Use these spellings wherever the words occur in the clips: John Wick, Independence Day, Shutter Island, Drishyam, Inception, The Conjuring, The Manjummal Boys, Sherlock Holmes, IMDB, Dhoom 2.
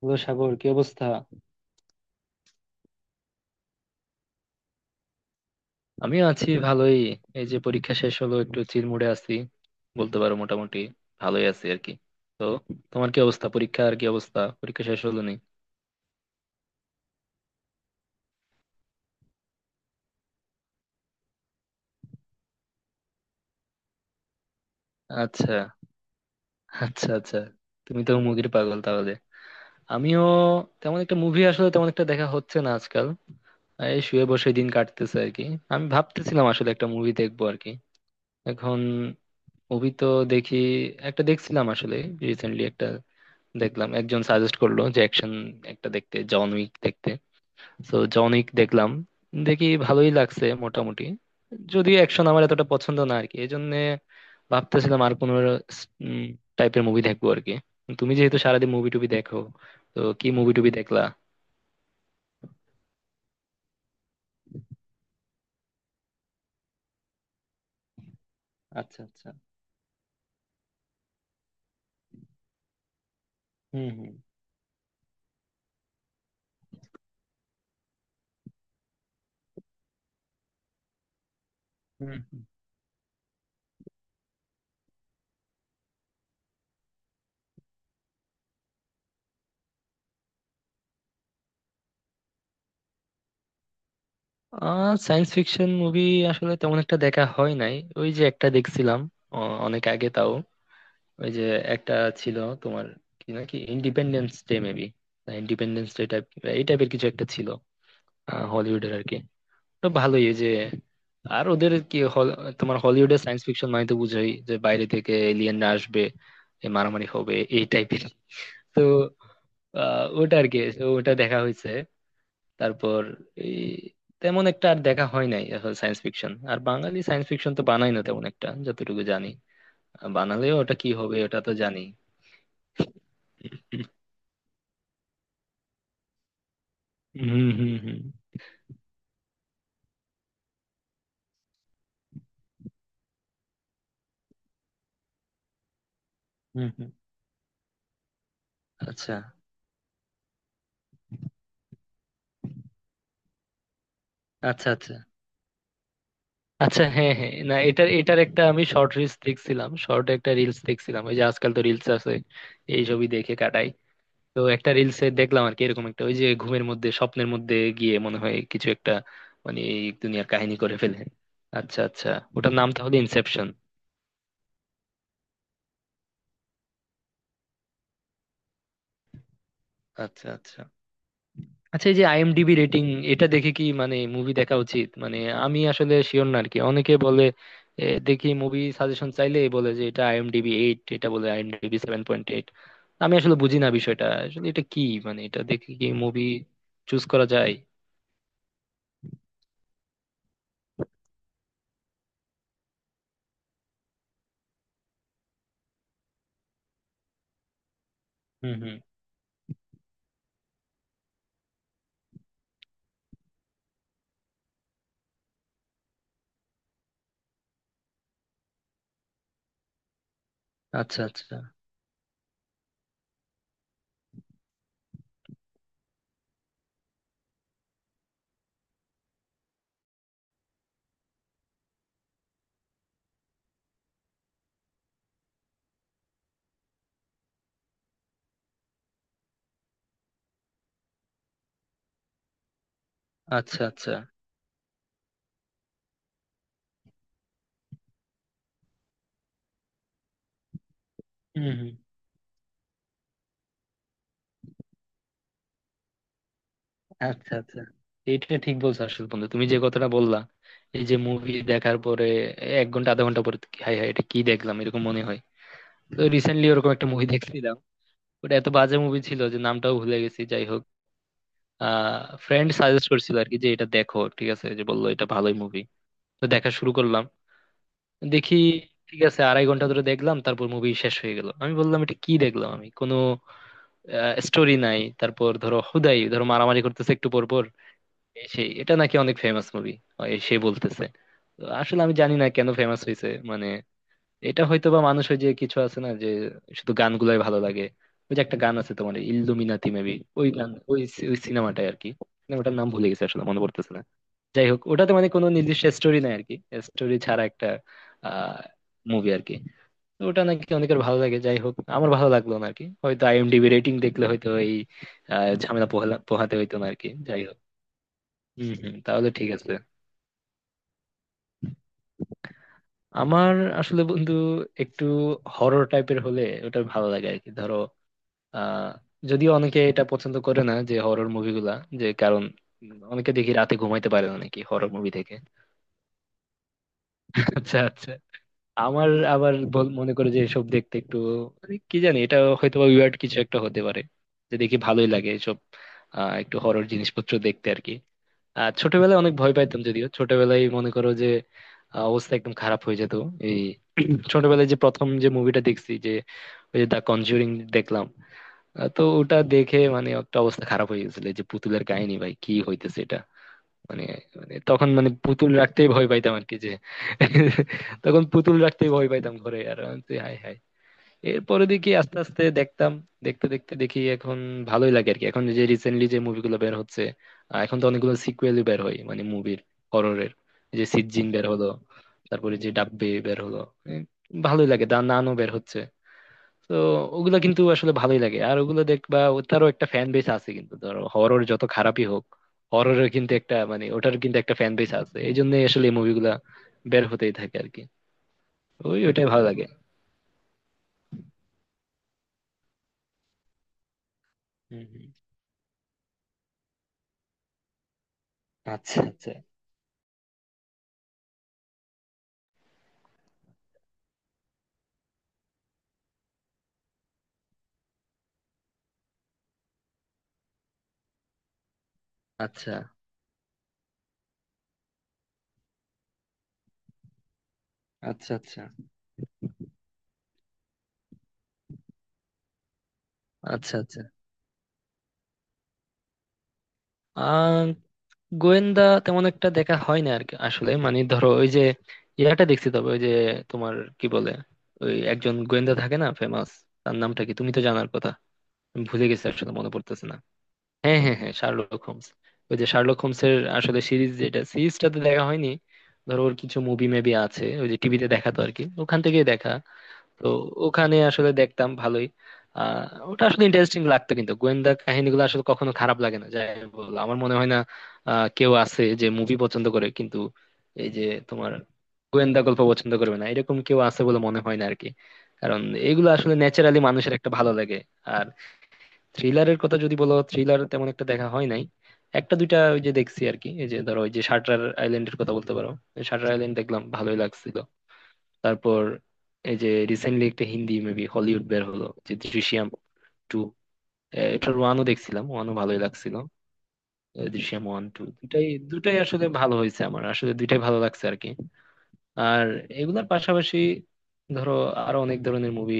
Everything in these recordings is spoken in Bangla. হ্যালো সাগর, কি অবস্থা? আমিও আছি ভালোই। এই যে পরীক্ষা শেষ হলো, একটু চিল মুডে আছি, বলতে পারো। মোটামুটি ভালোই আছি আর কি। তো তোমার কি অবস্থা? পরীক্ষা আর কি অবস্থা, পরীক্ষা শেষ হলো নি? আচ্ছা, আচ্ছা, আচ্ছা। তুমি তো মুভির পাগল তাহলে। আমিও। তেমন একটা মুভি, আসলে তেমন একটা দেখা হচ্ছে না আজকাল। এই শুয়ে বসে দিন কাটতেছে আর কি। আমি ভাবতেছিলাম আসলে একটা মুভি দেখবো আর কি এখন। মুভি তো দেখি, একটা দেখছিলাম আসলে রিসেন্টলি, একটা দেখলাম। একজন সাজেস্ট করলো যে অ্যাকশন একটা দেখতে, জন উইক দেখতে। তো জন উইক দেখলাম, দেখি ভালোই লাগছে মোটামুটি। যদিও অ্যাকশন আমার এতটা পছন্দ না আর কি, এই জন্য ভাবতেছিলাম আর কোনো টাইপের মুভি দেখবো আর কি। তুমি যেহেতু সারাদিন মুভি টুবি দেখো, তো কি মুভি টুবি দেখলা? আচ্ছা, আচ্ছা। হুম, হুম। হুম, হুম। সায়েন্স ফিকশন মুভি আসলে তেমন একটা দেখা হয় নাই। ওই যে একটা দেখছিলাম অনেক আগে, তাও ওই যে একটা ছিল তোমার, কি নাকি independence day maybe, independence day type, এই টাইপের কিছু একটা ছিল। হলিউডের আর কি। তো ভালোই, এই যে। আর ওদের কি তোমার, হলিউডে সায়েন্স ফিকশন মানে তো বুঝোই, যে বাইরে থেকে এলিয়েনরা আসবে, এ মারামারি হবে, এই টাইপের। তো ওটা আর কি, তো ওটা দেখা হয়েছে। তারপর এই তেমন একটা আর দেখা হয় নাই সায়েন্স ফিকশন। আর বাঙালি সায়েন্স ফিকশন তো বানাই না তেমন একটা, যতটুকু জানি। বানালেও ওটা কি হবে ওটা তো জানি। হুম, হুম, হুম, হুম, হুম। আচ্ছা, আচ্ছা, আচ্ছা, আচ্ছা। হ্যাঁ, হ্যাঁ, না, এটার এটার একটা আমি শর্ট রিলস দেখছিলাম, শর্ট একটা রিলস দেখছিলাম, ওই যে আজকাল তো রিলস আছে, এই ছবি দেখে কাটাই। তো একটা রিলসে দেখলাম আর কি এরকম একটা, ওই যে ঘুমের মধ্যে স্বপ্নের মধ্যে গিয়ে মনে হয় কিছু একটা, মানে এই দুনিয়ার কাহিনী করে ফেলে। আচ্ছা, আচ্ছা। ওটার নাম তাহলে ইনসেপশন? আচ্ছা, আচ্ছা, আচ্ছা। এই যে আইএমডিবি রেটিং, এটা দেখে কি মানে মুভি দেখা উচিত মানে? আমি আসলে শিওর না আর কি, অনেকে বলে, দেখি, মুভি সাজেশন চাইলে বলে যে এটা আইএমডিবি 8, এটা বলে আইএমডিবি 7.8। আমি আসলে বুঝি না বিষয়টা আসলে, এটা কি মানে? এটা দেখে কি মুভি চুজ করা যায়? হুম, হুম। আচ্ছা, আচ্ছা, আচ্ছা, আচ্ছা। হুম, হুম। আচ্ছা, আচ্ছা। এটা ঠিক বলছো আসলে বন্ধু, তুমি যে কথাটা বললা। এই যে মুভি দেখার পরে 1 ঘন্টা আধা ঘন্টা পরে, হাই হাই এটা কি দেখলাম, এরকম মনে হয়। তো রিসেন্টলি ওরকম একটা মুভি দেখছিলাম, ওটা এত বাজে মুভি ছিল যে নামটাও ভুলে গেছি, যাই হোক। ফ্রেন্ড সাজেস্ট করছিল আর কি, যে এটা দেখো, ঠিক আছে, যে বললো এটা ভালোই মুভি। তো দেখা শুরু করলাম, দেখি ঠিক আছে, 2.5 ঘন্টা ধরে দেখলাম, তারপর মুভি শেষ হয়ে গেল। আমি বললাম এটা কি দেখলাম আমি, কোনো স্টোরি নাই, তারপর ধরো হুদাই ধরো মারামারি করতেছে একটু পর পর, এই সেই, এটা নাকি অনেক ফেমাস মুভি সে বলতেছে। তো আসলে আমি জানি না কেন ফেমাস হয়েছে মানে। এটা হয়তো বা মানুষ, ওই যে কিছু আছে না, যে শুধু গানগুলাই ভালো লাগে। ওই যে একটা গান আছে তোমার, ইল্লুমিনাতি মেবি, ওই গান, ওই ওই সিনেমাটাই আর কি। সিনেমাটার নাম ভুলে গেছে আসলে, মনে পড়তেছে না। যাই হোক, ওটাতে মানে কোনো নির্দিষ্ট স্টোরি নাই আর কি, স্টোরি ছাড়া একটা আহ মুভি আর কি। তো ওটা নাকি অনেকের ভালো লাগে, যাই হোক, আমার ভালো লাগলো না আর কি, হয়তো আইএমডিবি রেটিং দেখলে হয়তো এই ঝামেলা পোহাতে হইতো না আর কি, যাই হোক। হম, হম। তাহলে ঠিক আছে। আমার আসলে বন্ধু একটু হরর টাইপের হলে ওটা ভালো লাগে আর কি, ধরো। আহ যদিও অনেকে এটা পছন্দ করে না যে হরর মুভিগুলা, যে কারণ অনেকে দেখি রাতে ঘুমাইতে পারে না নাকি হরর মুভি থেকে। আচ্ছা, আচ্ছা। আমার আবার মনে করে যে এসব দেখতে একটু, মানে কি জানি এটা হয়তো বা উইয়ার্ড কিছু একটা হতে পারে, যে দেখি ভালোই লাগে এসব, একটু হরর জিনিসপত্র দেখতে আর কি। আর ছোটবেলায় অনেক ভয় পাইতাম, যদিও ছোটবেলায় মনে করো যে অবস্থা একদম খারাপ হয়ে যেত। এই ছোটবেলায় যে প্রথম যে মুভিটা দেখছি যে, ওই যে দ্য কনজুরিং দেখলাম। তো ওটা দেখে মানে একটা অবস্থা খারাপ হয়ে গেছিল। এই যে পুতুলের কাহিনী, ভাই কি হইতেছে এটা মানে মানে তখন মানে পুতুল রাখতেই ভয় পাইতাম আর কি, যে তখন পুতুল রাখতেই ভয় পাইতাম ঘরে। আর আমি বলছি, হায় হায়। এরপরে দেখি আস্তে আস্তে দেখতাম, দেখতে দেখতে দেখি এখন ভালোই লাগে আর কি, এখন যে রিসেন্টলি যে মুভিগুলো বের হচ্ছে। এখন তো অনেকগুলো সিকুয়েলই বের হয় মানে মুভির, হররের। যে সিজিন বের হলো, তারপরে যে ডাব্বে বের হলো, এ, ভালোই লাগে, দা নানও বের হচ্ছে। তো ওগুলা কিন্তু আসলে ভালোই লাগে আর ওগুলো দেখবা, তারও একটা ফ্যান বেস আছে কিন্তু, ধরো হরর যত খারাপই হোক, হররের কিন্তু একটা মানে ওটার কিন্তু একটা ফ্যান বেস আছে, এই জন্য আসলে এই মুভিগুলা বের হতেই থাকে আর কি, ওইটাই ভালো লাগে। হুম, হুম। আচ্ছা, আচ্ছা, আচ্ছা, আচ্ছা, আচ্ছা, আচ্ছা, আচ্ছা। আহ গোয়েন্দা তেমন একটা দেখা হয় না আর কি আসলে, মানে ধরো ওই যে ইয়াটা দেখছি তবে, ওই যে তোমার কি বলে, ওই একজন গোয়েন্দা থাকে না ফেমাস, তার নামটা কি? তুমি তো জানার কথা। আমি ভুলে গেছি আসলে, মনে পড়তেছে না। হ্যাঁ, হ্যাঁ, হ্যাঁ, শার্লক হোমস। ওই যে শার্লক হোমসের আসলে সিরিজ, যেটা সিরিজটা তো দেখা হয়নি। ধরো ওর কিছু মুভি মেবি আছে, ওই যে টিভিতে দেখাতো আর কি, ওখান থেকেই দেখা। তো ওখানে আসলে দেখতাম ভালোই। আহ ওটা আসলে ইন্টারেস্টিং লাগতো, কিন্তু গোয়েন্দা কাহিনীগুলো আসলে কখনো খারাপ লাগে না, যাই বল। আমার মনে হয় না কেউ আছে যে মুভি পছন্দ করে কিন্তু, এই যে তোমার গোয়েন্দা গল্প পছন্দ করবে না, এরকম কেউ আছে বলে মনে হয় না আর কি। কারণ এগুলো আসলে ন্যাচারালি মানুষের একটা ভালো লাগে। থ্রিলারের কথা যদি বলো, থ্রিলার তেমন একটা দেখা হয় নাই, একটা দুইটা ওই যে দেখছি আর কি। এই যে ধরো ওই যে শাটার আইল্যান্ডের কথা বলতে পারো, শাটার আইল্যান্ড দেখলাম ভালোই লাগছিল। তারপর এই যে রিসেন্টলি একটা হিন্দি মেবি হলিউড বের হলো, যে দৃশ্যম টু। এটার ওয়ানও দেখছিলাম, ওয়ানও ভালোই লাগছিল। দৃশ্যম ওয়ান টু, দুটাই দুটাই আসলে ভালো হয়েছে, আমার আসলে দুইটাই ভালো লাগছে আর কি। আর এগুলার পাশাপাশি, ধরো, আরো অনেক ধরনের মুভি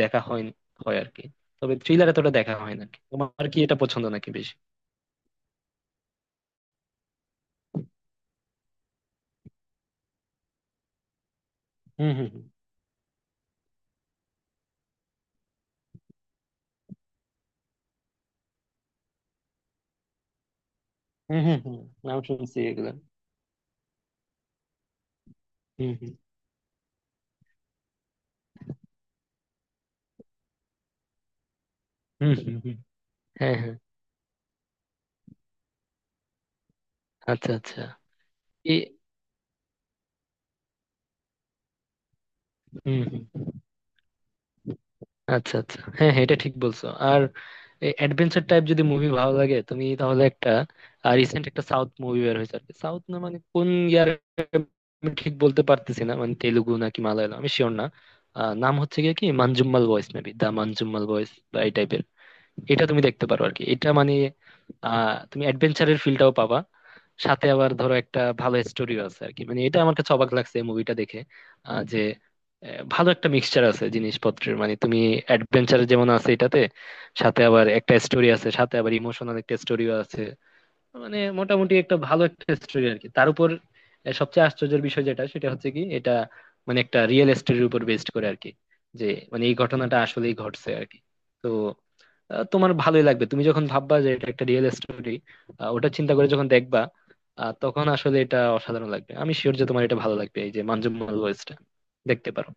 দেখা হয় হয় আর কি, তবে থ্রিলার এতটা দেখা হয় না। তোমার কি এটা পছন্দ নাকি বেশি? হুম, হুম, হুম, হুম, হুম, হুম। নাম শুনছি এগুলা। হুম, হুম, হুম, হুম, হুম। হ্যাঁ, হ্যাঁ। আচ্ছা, আচ্ছা। এ হুম, হুম। আচ্ছা, আচ্ছা। হ্যাঁ, হ্যাঁ, এটা ঠিক বলছো। আর অ্যাডভেঞ্চার টাইপ যদি মুভি ভালো লাগে তুমি, তাহলে একটা রিসেন্ট একটা সাউথ মুভি বের হয়েছে আর কি, সাউথ না মানে কোন ইয়ার আমি ঠিক বলতে পারতেছি না, মানে তেলুগু নাকি মালায়ালাম আমি শিওর না। নাম হচ্ছে গিয়ে কি, মানজুম্মাল বয়েস মেবি, দা মানজুম্মাল বয়েস, বা এই type এর। এটা তুমি দেখতে পারো আর কি, এটা মানে তুমি অ্যাডভেঞ্চারের ফিলটাও পাবা, সাথে আবার ধরো একটা ভালো স্টোরিও আছে আর কি, মানে এটা আমার কাছে অবাক লাগছে এই মুভিটা দেখে। যে ভালো একটা মিক্সচার আছে জিনিসপত্রের, মানে তুমি অ্যাডভেঞ্চার যেমন আছে এটাতে, সাথে আবার একটা স্টোরি আছে, সাথে আবার ইমোশনাল একটা স্টোরিও আছে, মানে মোটামুটি একটা ভালো একটা স্টোরি আর কি তার উপর। সবচেয়ে আশ্চর্যের বিষয় যেটা সেটা হচ্ছে কি, এটা মানে একটা রিয়েল স্টোরির উপর বেস্ড করে আর কি, যে মানে এই ঘটনাটা আসলেই ঘটছে আর কি। তো তোমার ভালোই লাগবে তুমি যখন ভাববা যে এটা একটা রিয়েল স্টোরি, ওটা চিন্তা করে যখন দেখবা, তখন আসলে এটা অসাধারণ লাগবে। আমি শিওর যে তোমার এটা ভালো লাগবে, এই যে মানজুমাল ওয়েস্টটা। দেখতে পারো।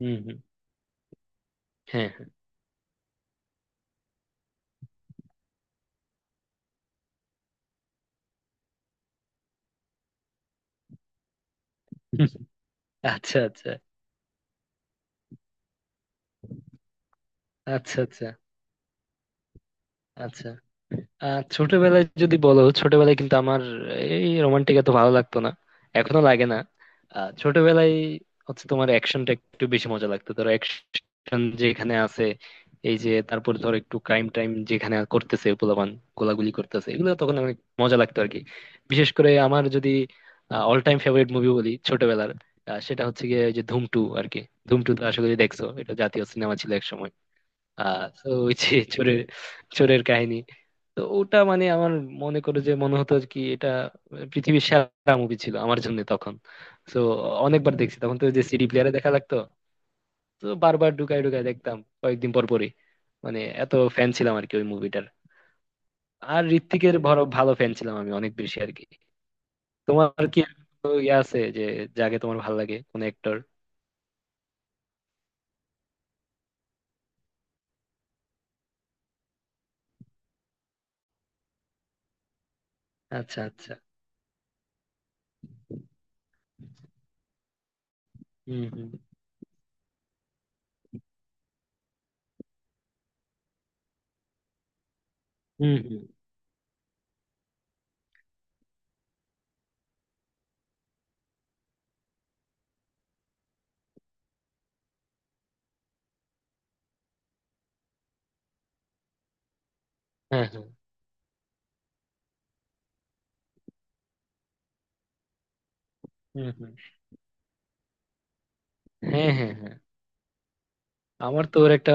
হম, হম। হ্যাঁ, হ্যাঁ। আচ্ছা, আচ্ছা, আচ্ছা, আচ্ছা, আচ্ছা। ছোটবেলায় যদি বলো, ছোটবেলায় কিন্তু আমার এই রোমান্টিক এত ভালো লাগতো না, এখনো লাগে না। ছোটবেলায় হচ্ছে তোমার অ্যাকশনটা একটু বেশি মজা লাগতো, ধরো অ্যাকশন যেখানে আছে, এই যে তারপর ধরো একটু ক্রাইম টাইম যেখানে করতেছে পোলাপান, গোলাগুলি করতেছে, এগুলো তখন অনেক মজা লাগতো আর কি। বিশেষ করে আমার যদি অল টাইম ফেভারিট মুভি বলি ছোটবেলার, সেটা হচ্ছে গিয়ে ওই যে ধুম টু আর কি। ধুম টু তো আশা করি দেখছো, এটা জাতীয় সিনেমা ছিল এক সময়। তো ওই যে চোরের চোরের কাহিনী। তো ওটা মানে আমার মনে করে যে মনে হতো আর কি এটা পৃথিবীর সেরা মুভি ছিল আমার জন্য তখন। তো অনেকবার দেখছি তখন, তো ওই যে সিডি প্লেয়ারে দেখা লাগতো, তো বারবার ঢুকায় ঢুকায় দেখতাম কয়েকদিন পর পরই। মানে এত ফ্যান ছিলাম আর কি ওই মুভিটার। আর ঋত্বিকের বড় ভালো ফ্যান ছিলাম আমি অনেক বেশি আর কি। তোমার কি এরকম কোনো ইয়ে আছে যে, যাকে তোমার ভালো লাগে, কোন অ্যাক্টর? আচ্ছা, আচ্ছা। হুম, হুম, হুম, হুম। হ্যাঁ, হ্যাঁ। হুম, হুম। হ্যাঁ, হ্যাঁ, হ্যাঁ। আমার তো ওর একটা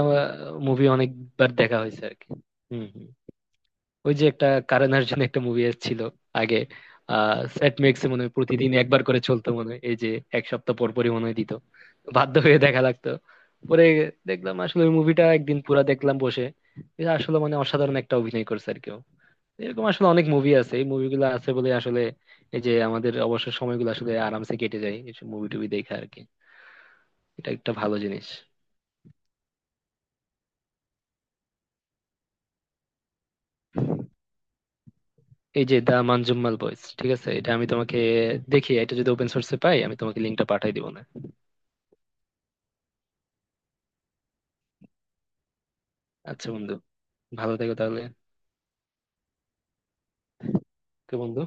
মুভি অনেকবার দেখা হয়েছে আর কি। হুম, হুম। ওই যে একটা, কারণ অর্জুন একটা মুভি এসেছিল আগে। সেট মেক্সে মনে হয় প্রতিদিন একবার করে চলতো মনে হয়, এই যে এক সপ্তাহ পর পরই মনে হয় দিত, বাধ্য হয়ে দেখা লাগতো। পরে দেখলাম আসলে ওই মুভিটা একদিন পুরা দেখলাম বসে। আসলে মানে অসাধারণ একটা অভিনয় করছে, আর কেউ এরকম আসলে। অনেক মুভি আছে, এই মুভিগুলো আছে বলে আসলে এই যে আমাদের অবসর সময়গুলো আসলে আরামসে কেটে যায় এইসব মুভি টুভি দেখে আর কি। এটা একটা ভালো জিনিস। এই যে দা মানজুম্মাল বয়েজ, ঠিক আছে? এটা আমি তোমাকে, দেখি এটা যদি ওপেন সোর্সে পাই, আমি তোমাকে লিঙ্কটা পাঠাই দিব না। আচ্ছা বন্ধু। ভালো থেকো তাহলে। তো বন্ধু।